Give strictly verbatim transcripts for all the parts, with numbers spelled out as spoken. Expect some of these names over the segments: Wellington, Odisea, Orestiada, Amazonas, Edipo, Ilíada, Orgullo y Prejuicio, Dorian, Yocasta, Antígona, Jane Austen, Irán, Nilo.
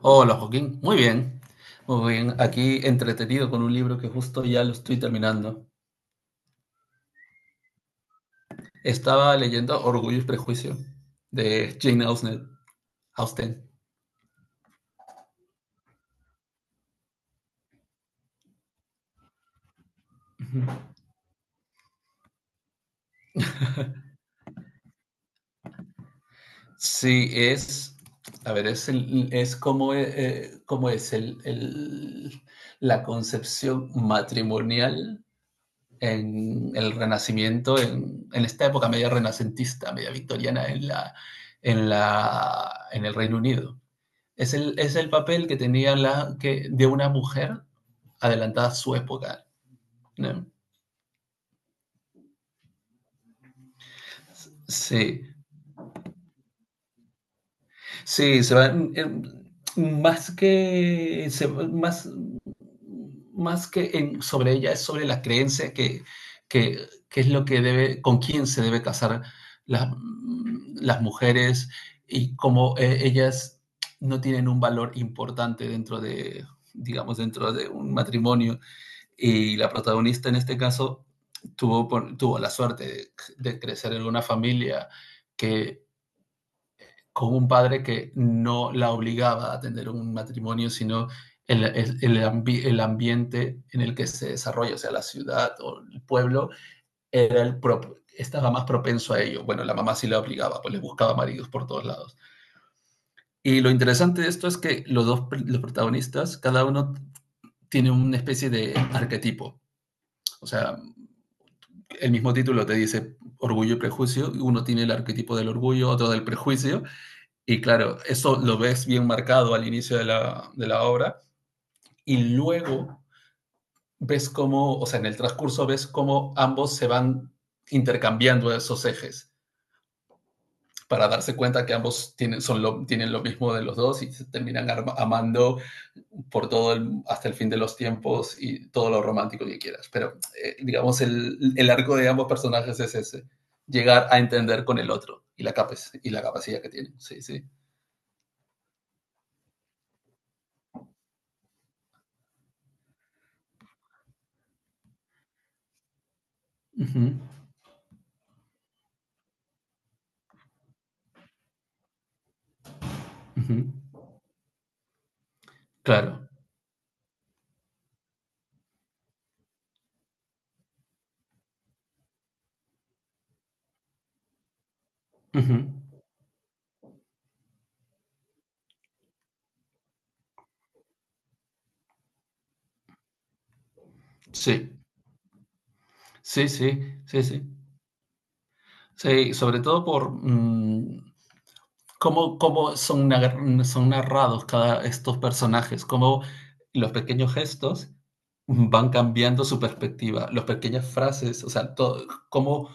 Hola Joaquín, muy bien, muy bien. Aquí entretenido con un libro que justo ya lo estoy terminando. Estaba leyendo Orgullo y Prejuicio de Jane Austen. Austen. Sí, es, a ver, es, el- es como, eh, como es el, el- la concepción matrimonial en el Renacimiento, en, en esta época media renacentista, media victoriana en la, en la, en el Reino Unido. Es el, es el papel que tenía la, que, de una mujer adelantada a su época, ¿no? Sí, sí, se va, mm, eh, más que, se- más, más que en- sobre ella, es sobre la creencia que, que, que es lo que debe, con quién se debe casar las, las mujeres y cómo eh, ellas no tienen un valor importante dentro de, digamos, dentro de un matrimonio. Y la protagonista en este caso tuvo, tuvo la suerte de, de crecer en una familia que, con un padre que no la obligaba a tener un matrimonio, sino el, el- el ambi- el ambiente en el que se desarrolla, o sea, la ciudad o el pueblo, era el prop- estaba más propenso a ello. Bueno, la mamá sí la obligaba, pues le buscaba maridos por todos lados. Y lo interesante de esto es que los dos los protagonistas, cada uno tiene una especie de arquetipo. O sea, el mismo título te dice orgullo y prejuicio, uno tiene el arquetipo del orgullo, otro del prejuicio, y claro, eso lo ves bien marcado al inicio de la, de la obra, y luego ves cómo, o sea, en el transcurso ves cómo ambos se van intercambiando esos ejes para darse cuenta que ambos tienen, son lo, tienen lo mismo de los dos y se terminan amando por todo el, hasta el fin de los tiempos y todo lo romántico que quieras. Pero eh, digamos, el, el, arco de ambos personajes es ese, llegar a entender con el otro y la, capa y la capacidad que tienen. Sí, sí. Uh -huh, uh -huh. Claro. Uh -huh. Sí, sí, sí, sí, sí. Sí, sobre todo por Mmm cómo, cómo son, nar- son narrados cada estos personajes, cómo los pequeños gestos van cambiando su perspectiva, las pequeñas frases, o sea, todo, cómo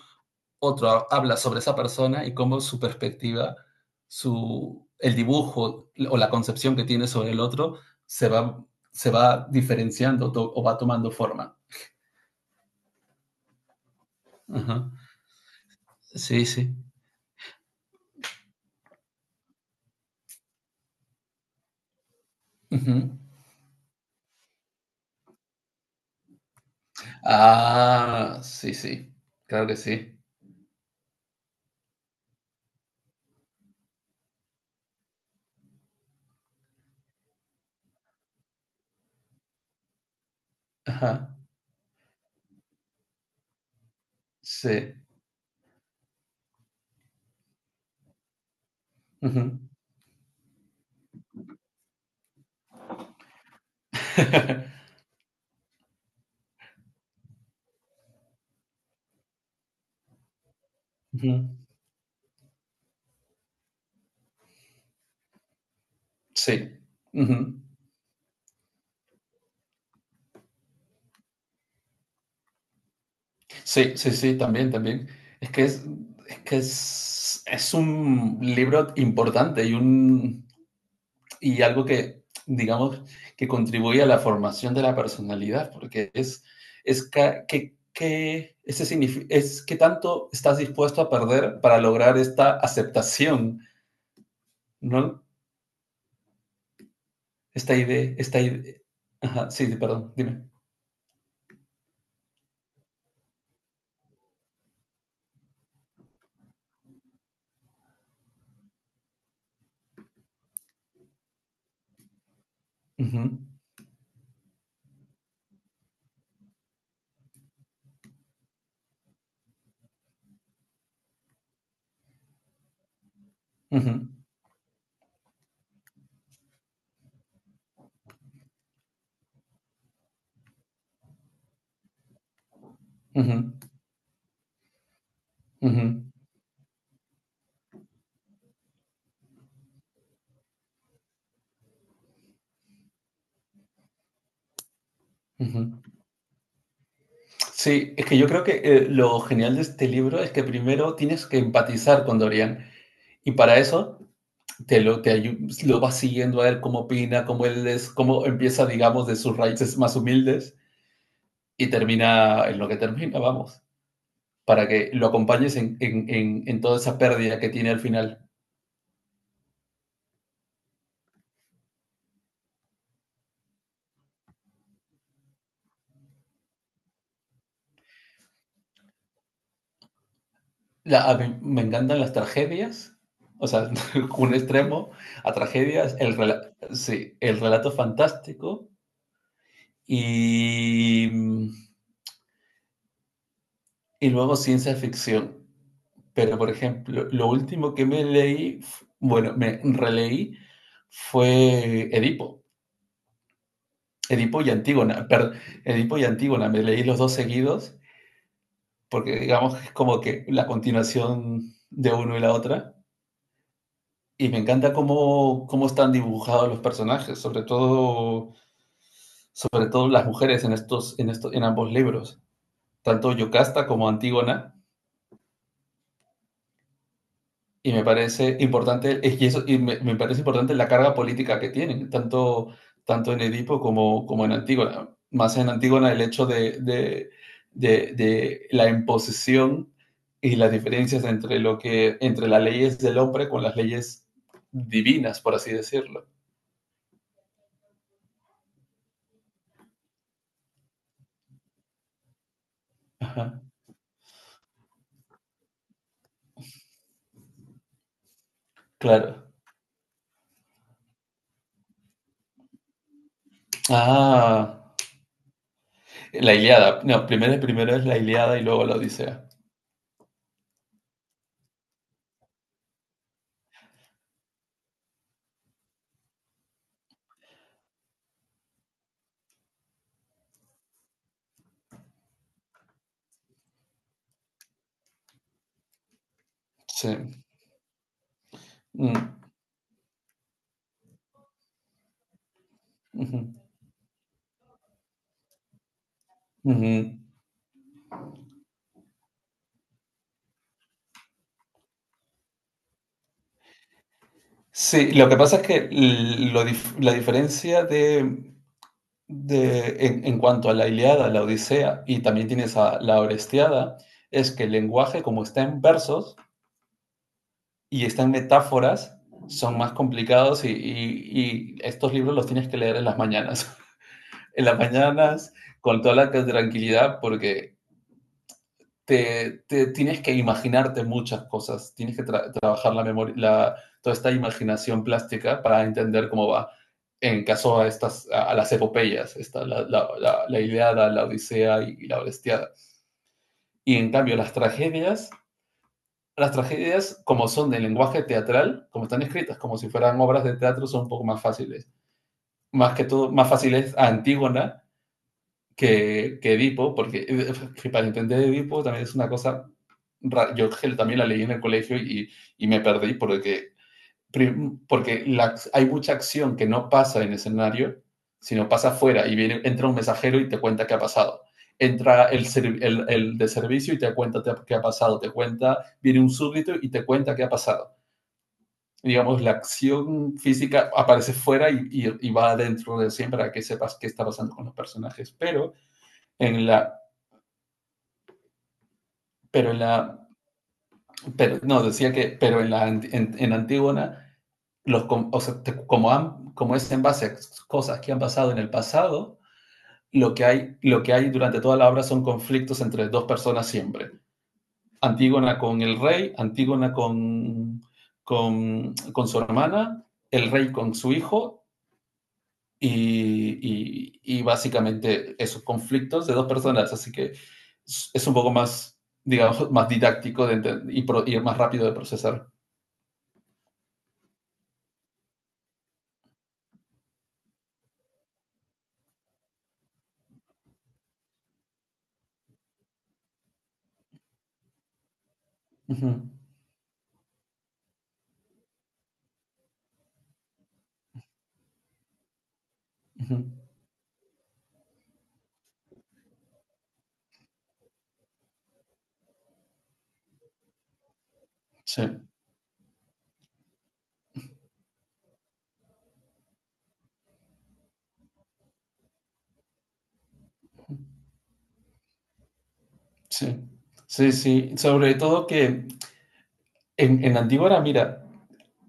otro ha- habla sobre esa persona y cómo su perspectiva, su, el dibujo o la concepción que tiene sobre el otro se va, se va diferenciando to- o va tomando forma. Ajá. Sí, sí. Ujú. Ah, sí, sí, claro que sí. Ajá. Sí. Ujú. Ujú. Sí, ujú. Sí, sí, sí, también, también. Es que es, es que es, es un libro importante y un y algo que, digamos, que contribuye a la formación de la personalidad, porque es, es ca- que, que ese signifi- es que tanto estás dispuesto a perder para lograr esta aceptación, ¿no? Esta idea, esta idea. Ajá, sí, perdón, dime. Ujú, ujú, ujú, ujú, ujú. Sí, es que yo creo que eh, lo genial de este libro es que primero tienes que empatizar con Dorian y para eso te lo, te ayu- lo vas siguiendo a él cómo opina, cómo él es, cómo empieza, digamos, de sus raíces más humildes y termina en lo que termina, vamos, para que lo acompañes en, en- en- en toda esa pérdida que tiene al final. La- a mí me encantan las tragedias, o sea, un extremo a tragedias, el, rela- sí, el relato fantástico y... mm, y luego ciencia ficción. Pero, por ejemplo, lo último que me leí, f- bueno, me releí fue Edipo. Edipo y Antígona. Perdón, Edipo y Antígona. Me leí los dos seguidos porque, digamos, que es como que la continuación de uno y la otra. Y me encanta cómo, cómo están dibujados los personajes, sobre todo, sobre todo las mujeres en, estos, en, esto- en ambos libros, tanto Yocasta como Antígona. Y me parece importante, es que eso, y me, me parece importante la carga política que tienen, tanto, tanto en Edipo como, como en Antígona. Más en Antígona el hecho de, de, de, de la imposición y las diferencias entre, lo que, entre las leyes del hombre con las leyes divinas, por así decirlo. Ajá, claro. Ah, la Ilíada. No, primero, primero es la Ilíada y luego la Odisea. Sí. Mm, ujú, ujú. Sí, lo que pasa es que lo dif- la diferencia de, de- en, en cuanto a la Ilíada, la Odisea y también tienes a la Orestiada es que el lenguaje, como está en versos y está en metáforas, son más complicados y, y- y estos libros los tienes que leer en las mañanas. En las mañanas, con toda la tranquilidad, porque te, te tienes que imaginarte muchas cosas, tienes que tra trabajar la memoria, la, toda esta imaginación plástica para entender cómo va. En caso a estas, a, a las epopeyas, esta, la, la, la, Iliada, la Odisea y, y la Orestiada. Y en cambio, las tragedias las tragedias, como son de lenguaje teatral, como están escritas, como si fueran obras de teatro, son un poco más fáciles. Más que todo, más fáciles a Antígona que, que Edipo, porque eh, para entender Edipo también es una cosa, ra- yo también la leí en el colegio y, y me perdí porque, porque la- hay mucha acción que no pasa en el escenario, sino pasa afuera y viene, entra un mensajero y te cuenta qué ha pasado. Entra el, el, el de servicio y te cuenta qué ha pasado, te cuenta, viene un súbdito y te cuenta qué ha pasado. Digamos, la acción física aparece fuera y, y- y va adentro de siempre para que sepas qué está pasando con los personajes, pero en la Pero en la, pero, no, decía que, pero en la, anti- en, en Antígona, los, com- o sea, te- como, han- como es en base a cosas que han pasado en el pasado, lo que, hay, lo que hay durante toda la obra son conflictos entre dos personas siempre. Antígona con el rey, Antígona con, con, con su hermana, el rey con su hijo y, y- y básicamente esos conflictos de dos personas, así que es un poco más, digamos, más didáctico de y, pro- y más rápido de procesar. Ujú, ujú. Sí, sí, sí, sí. Sobre todo que en, en Antígona, mira,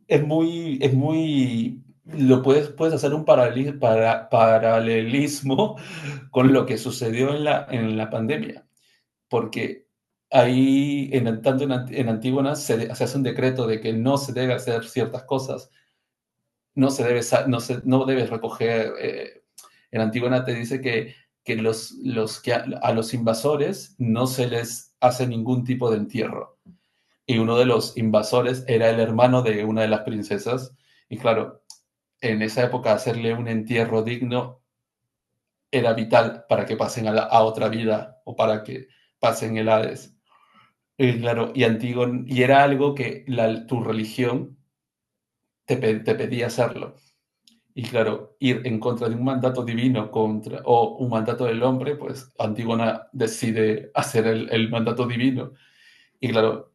es muy, es muy, lo puedes, puedes hacer un paraleli- para- paralelismo con lo que sucedió en la, en la pandemia. Porque ahí, en, tanto en, en Antígona, se, se hace un decreto de que no se debe hacer ciertas cosas, no, se debe, no, se, no debes recoger, eh, en Antígona te dice que, que, los, los, que a, a los invasores no se les hace ningún tipo de entierro. Y uno de los invasores era el hermano de una de las princesas. Y claro, en esa época hacerle un entierro digno era vital para que pasen a, la, a otra vida o para que pasen el Hades. Y claro, y Antígon, y era algo que la- tu religión te, pe- te pedía hacerlo. Y claro, ir en contra de un mandato divino contra, o un mandato del hombre, pues Antígona decide hacer el, el mandato divino. Y claro,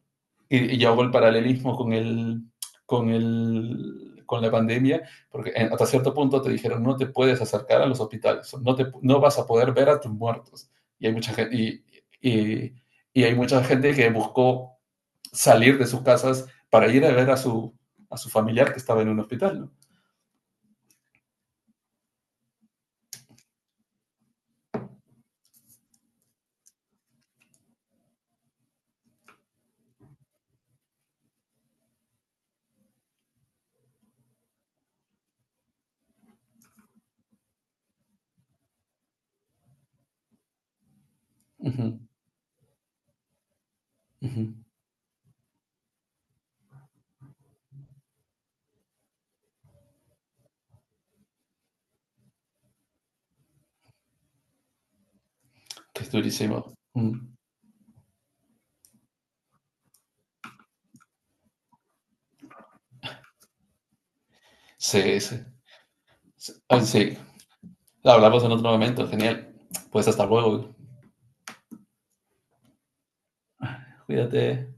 y, y yo hago el paralelismo con el, con el, con la pandemia, porque en- hasta cierto punto te dijeron no te puedes acercar a los hospitales, no, te, no vas a poder ver a tus muertos. Y hay mucha gente, y, y- y hay mucha gente que buscó salir de sus casas para ir a ver a su, a su familiar que estaba en un hospital, ¿no? Ujú, ujú. Que es durísimo. Mm. Sí, sí. Sí. Ay, sí. Hablamos en otro momento, genial. Pues hasta luego. Cuídate.